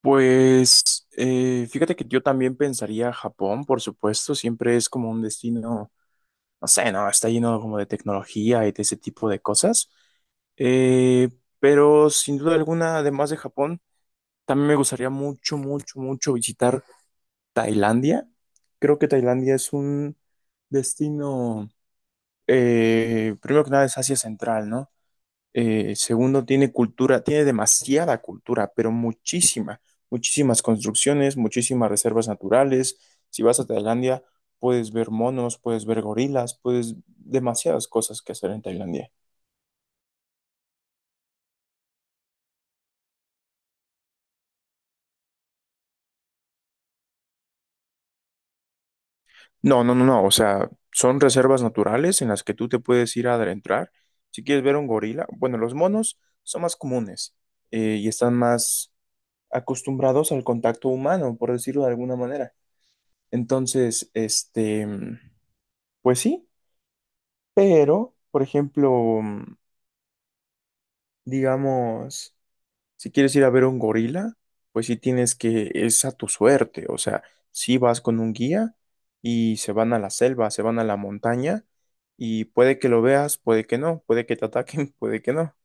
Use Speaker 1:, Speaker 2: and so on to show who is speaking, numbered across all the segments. Speaker 1: Fíjate que yo también pensaría Japón, por supuesto, siempre es como un destino, no sé, no, está lleno como de tecnología y de ese tipo de cosas. Eh, pero sin duda alguna, además de Japón, también me gustaría mucho, mucho, mucho visitar Tailandia. Creo que Tailandia es un destino, primero que nada es Asia Central, ¿no? Segundo, tiene cultura, tiene demasiada cultura, pero muchísima, muchísimas construcciones, muchísimas reservas naturales. Si vas a Tailandia, puedes ver monos, puedes ver gorilas, puedes demasiadas cosas que hacer en Tailandia. No, no, no, no, o sea, son reservas naturales en las que tú te puedes ir a adentrar. Si quieres ver un gorila, bueno, los monos son más comunes y están más acostumbrados al contacto humano, por decirlo de alguna manera. Entonces, pues sí. Pero, por ejemplo, mm, digamos, si quieres ir a ver un gorila, pues sí tienes que, es a tu suerte, o sea, si vas con un guía y se van a la selva, se van a la montaña y puede que lo veas, puede que no, puede que te ataquen, puede que no.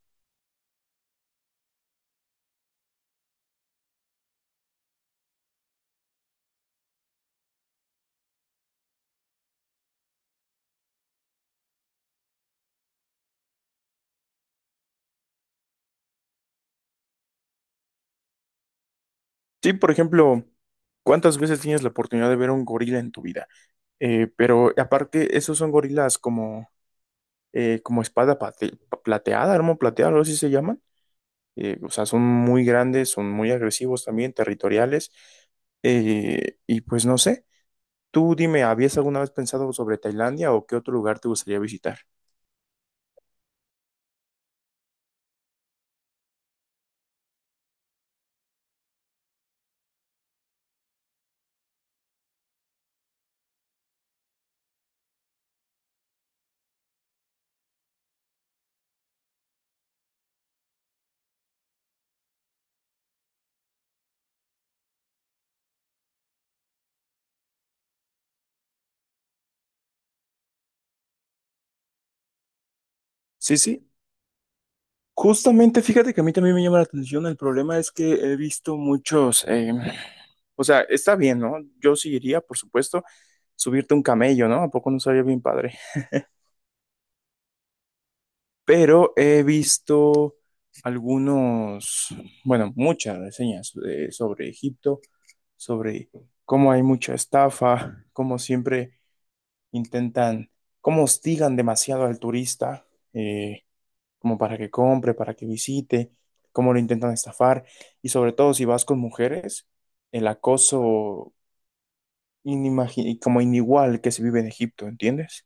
Speaker 1: Sí, por ejemplo, ¿cuántas veces tienes la oportunidad de ver un gorila en tu vida? Pero aparte, esos son gorilas como, como espada plateada, arma plateada, algo así se llaman o sea, son muy grandes, son muy agresivos también, territoriales. Y pues no sé, tú dime, ¿habías alguna vez pensado sobre Tailandia o qué otro lugar te gustaría visitar? Sí, sí. Justamente, fíjate que a mí también me llama la atención. El problema es que he visto muchos. O sea, está bien, ¿no? Yo sí iría, por supuesto, subirte un camello, ¿no? ¿A poco no sería bien padre? Pero he visto algunos, bueno, muchas reseñas sobre Egipto, sobre cómo hay mucha estafa, cómo siempre intentan, cómo hostigan demasiado al turista, eh, como para que compre, para que visite, cómo lo intentan estafar, y sobre todo si vas con mujeres, el acoso como inigual que se vive en Egipto, ¿entiendes?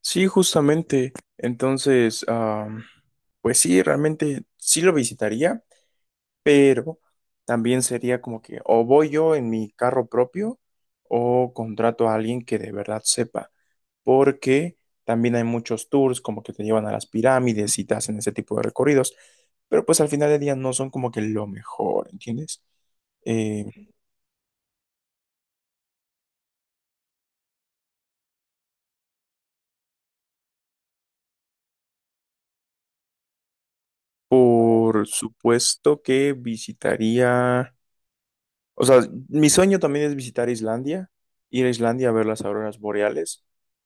Speaker 1: Sí, justamente. Entonces, pues sí, realmente sí lo visitaría, pero también sería como que o voy yo en mi carro propio o contrato a alguien que de verdad sepa, porque también hay muchos tours como que te llevan a las pirámides y te hacen ese tipo de recorridos, pero pues al final del día no son como que lo mejor, ¿entiendes? Eh, Por supuesto que visitaría, o sea, mi sueño también es visitar Islandia, ir a Islandia a ver las auroras boreales.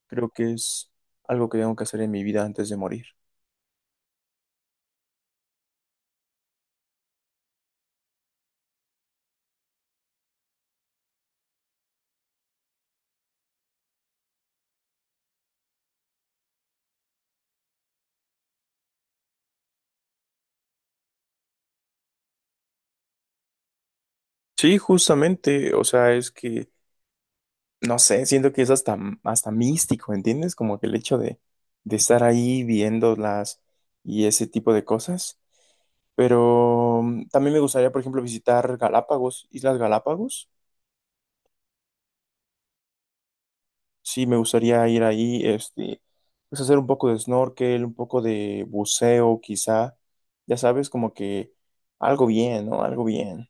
Speaker 1: Creo que es algo que tengo que hacer en mi vida antes de morir. Sí, justamente, o sea, es que, no sé, siento que es hasta, hasta místico, ¿entiendes? Como que el hecho de estar ahí viéndolas y ese tipo de cosas. Pero también me gustaría, por ejemplo, visitar Galápagos, Islas Galápagos. Sí, me gustaría ir ahí, pues hacer un poco de snorkel, un poco de buceo, quizá. Ya sabes, como que algo bien, ¿no? Algo bien.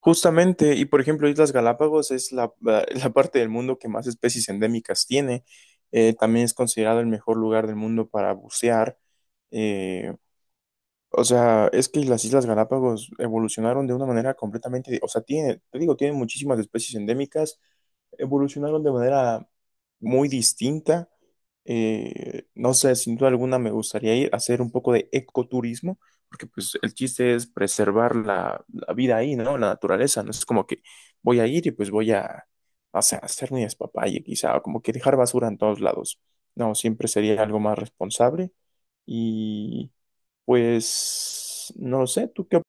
Speaker 1: Justamente, y por ejemplo, Islas Galápagos es la parte del mundo que más especies endémicas tiene. También es considerado el mejor lugar del mundo para bucear. eh, o sea, es que las Islas Galápagos evolucionaron de una manera o sea, tiene, te digo, tienen muchísimas especies endémicas, evolucionaron de manera muy distinta. No sé, sin duda alguna me gustaría ir a hacer un poco de ecoturismo, porque pues el chiste es preservar la vida ahí, ¿no? La naturaleza, no es como que voy a ir y pues voy o sea, hacer mi despapalle quizá, o como que dejar basura en todos lados. No, siempre sería algo más responsable pues no sé, ¿tú qué?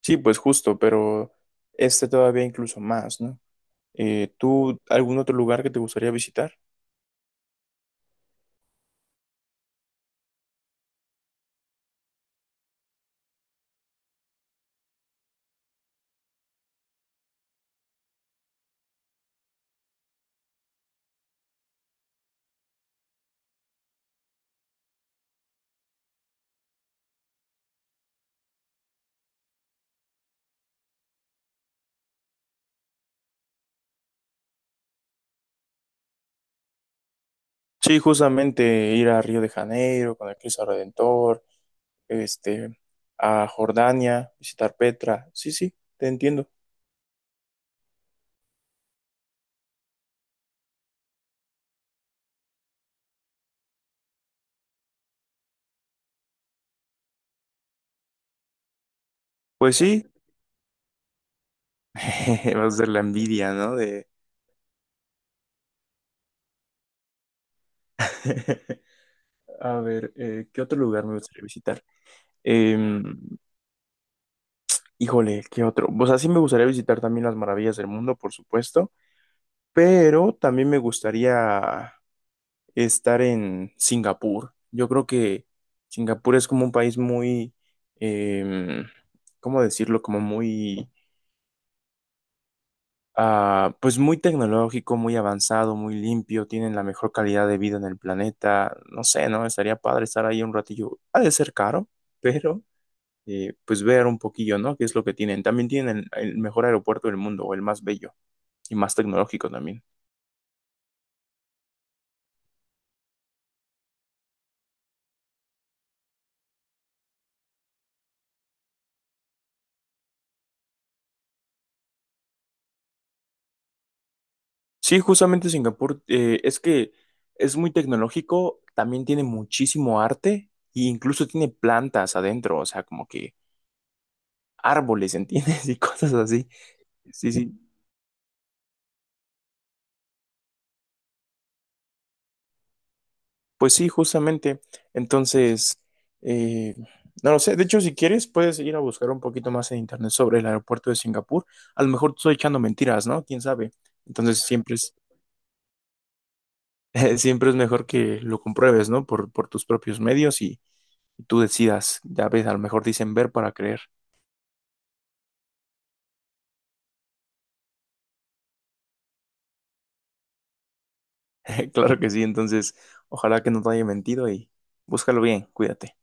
Speaker 1: Sí, pues justo, pero este todavía incluso más, ¿no? ¿Tú algún otro lugar que te gustaría visitar? Sí, justamente ir a Río de Janeiro con el Cristo Redentor, este, a Jordania, visitar Petra. Sí, sí, te entiendo. Pues sí, va a ser la envidia, ¿no? De... A ver, ¿qué otro lugar me gustaría visitar? Em, híjole, ¿qué otro? Pues así me gustaría visitar también las maravillas del mundo, por supuesto. Pero también me gustaría estar en Singapur. Yo creo que Singapur es como un país muy, em, ¿cómo decirlo? Como muy, ah, pues muy tecnológico, muy avanzado, muy limpio, tienen la mejor calidad de vida en el planeta. No sé, ¿no? Estaría padre estar ahí un ratillo. Ha de ser caro, pero pues ver un poquillo, ¿no? ¿Qué es lo que tienen? También tienen el mejor aeropuerto del mundo, o el más bello y más tecnológico también. Sí, justamente Singapur, es que es muy tecnológico, también tiene muchísimo arte e incluso tiene plantas adentro, o sea, como que árboles, ¿entiendes? Y cosas así. Sí, sí, pues sí, justamente. Entonces, eh, no lo sé, de hecho, si quieres, puedes ir a buscar un poquito más en internet sobre el aeropuerto de Singapur. A lo mejor te estoy echando mentiras, ¿no? ¿Quién sabe? Entonces, siempre es, siempre es mejor que lo compruebes, ¿no? Por tus propios medios y tú decidas. Ya ves, a lo mejor dicen ver para creer. Claro que sí, entonces ojalá que no te haya mentido y búscalo bien, cuídate.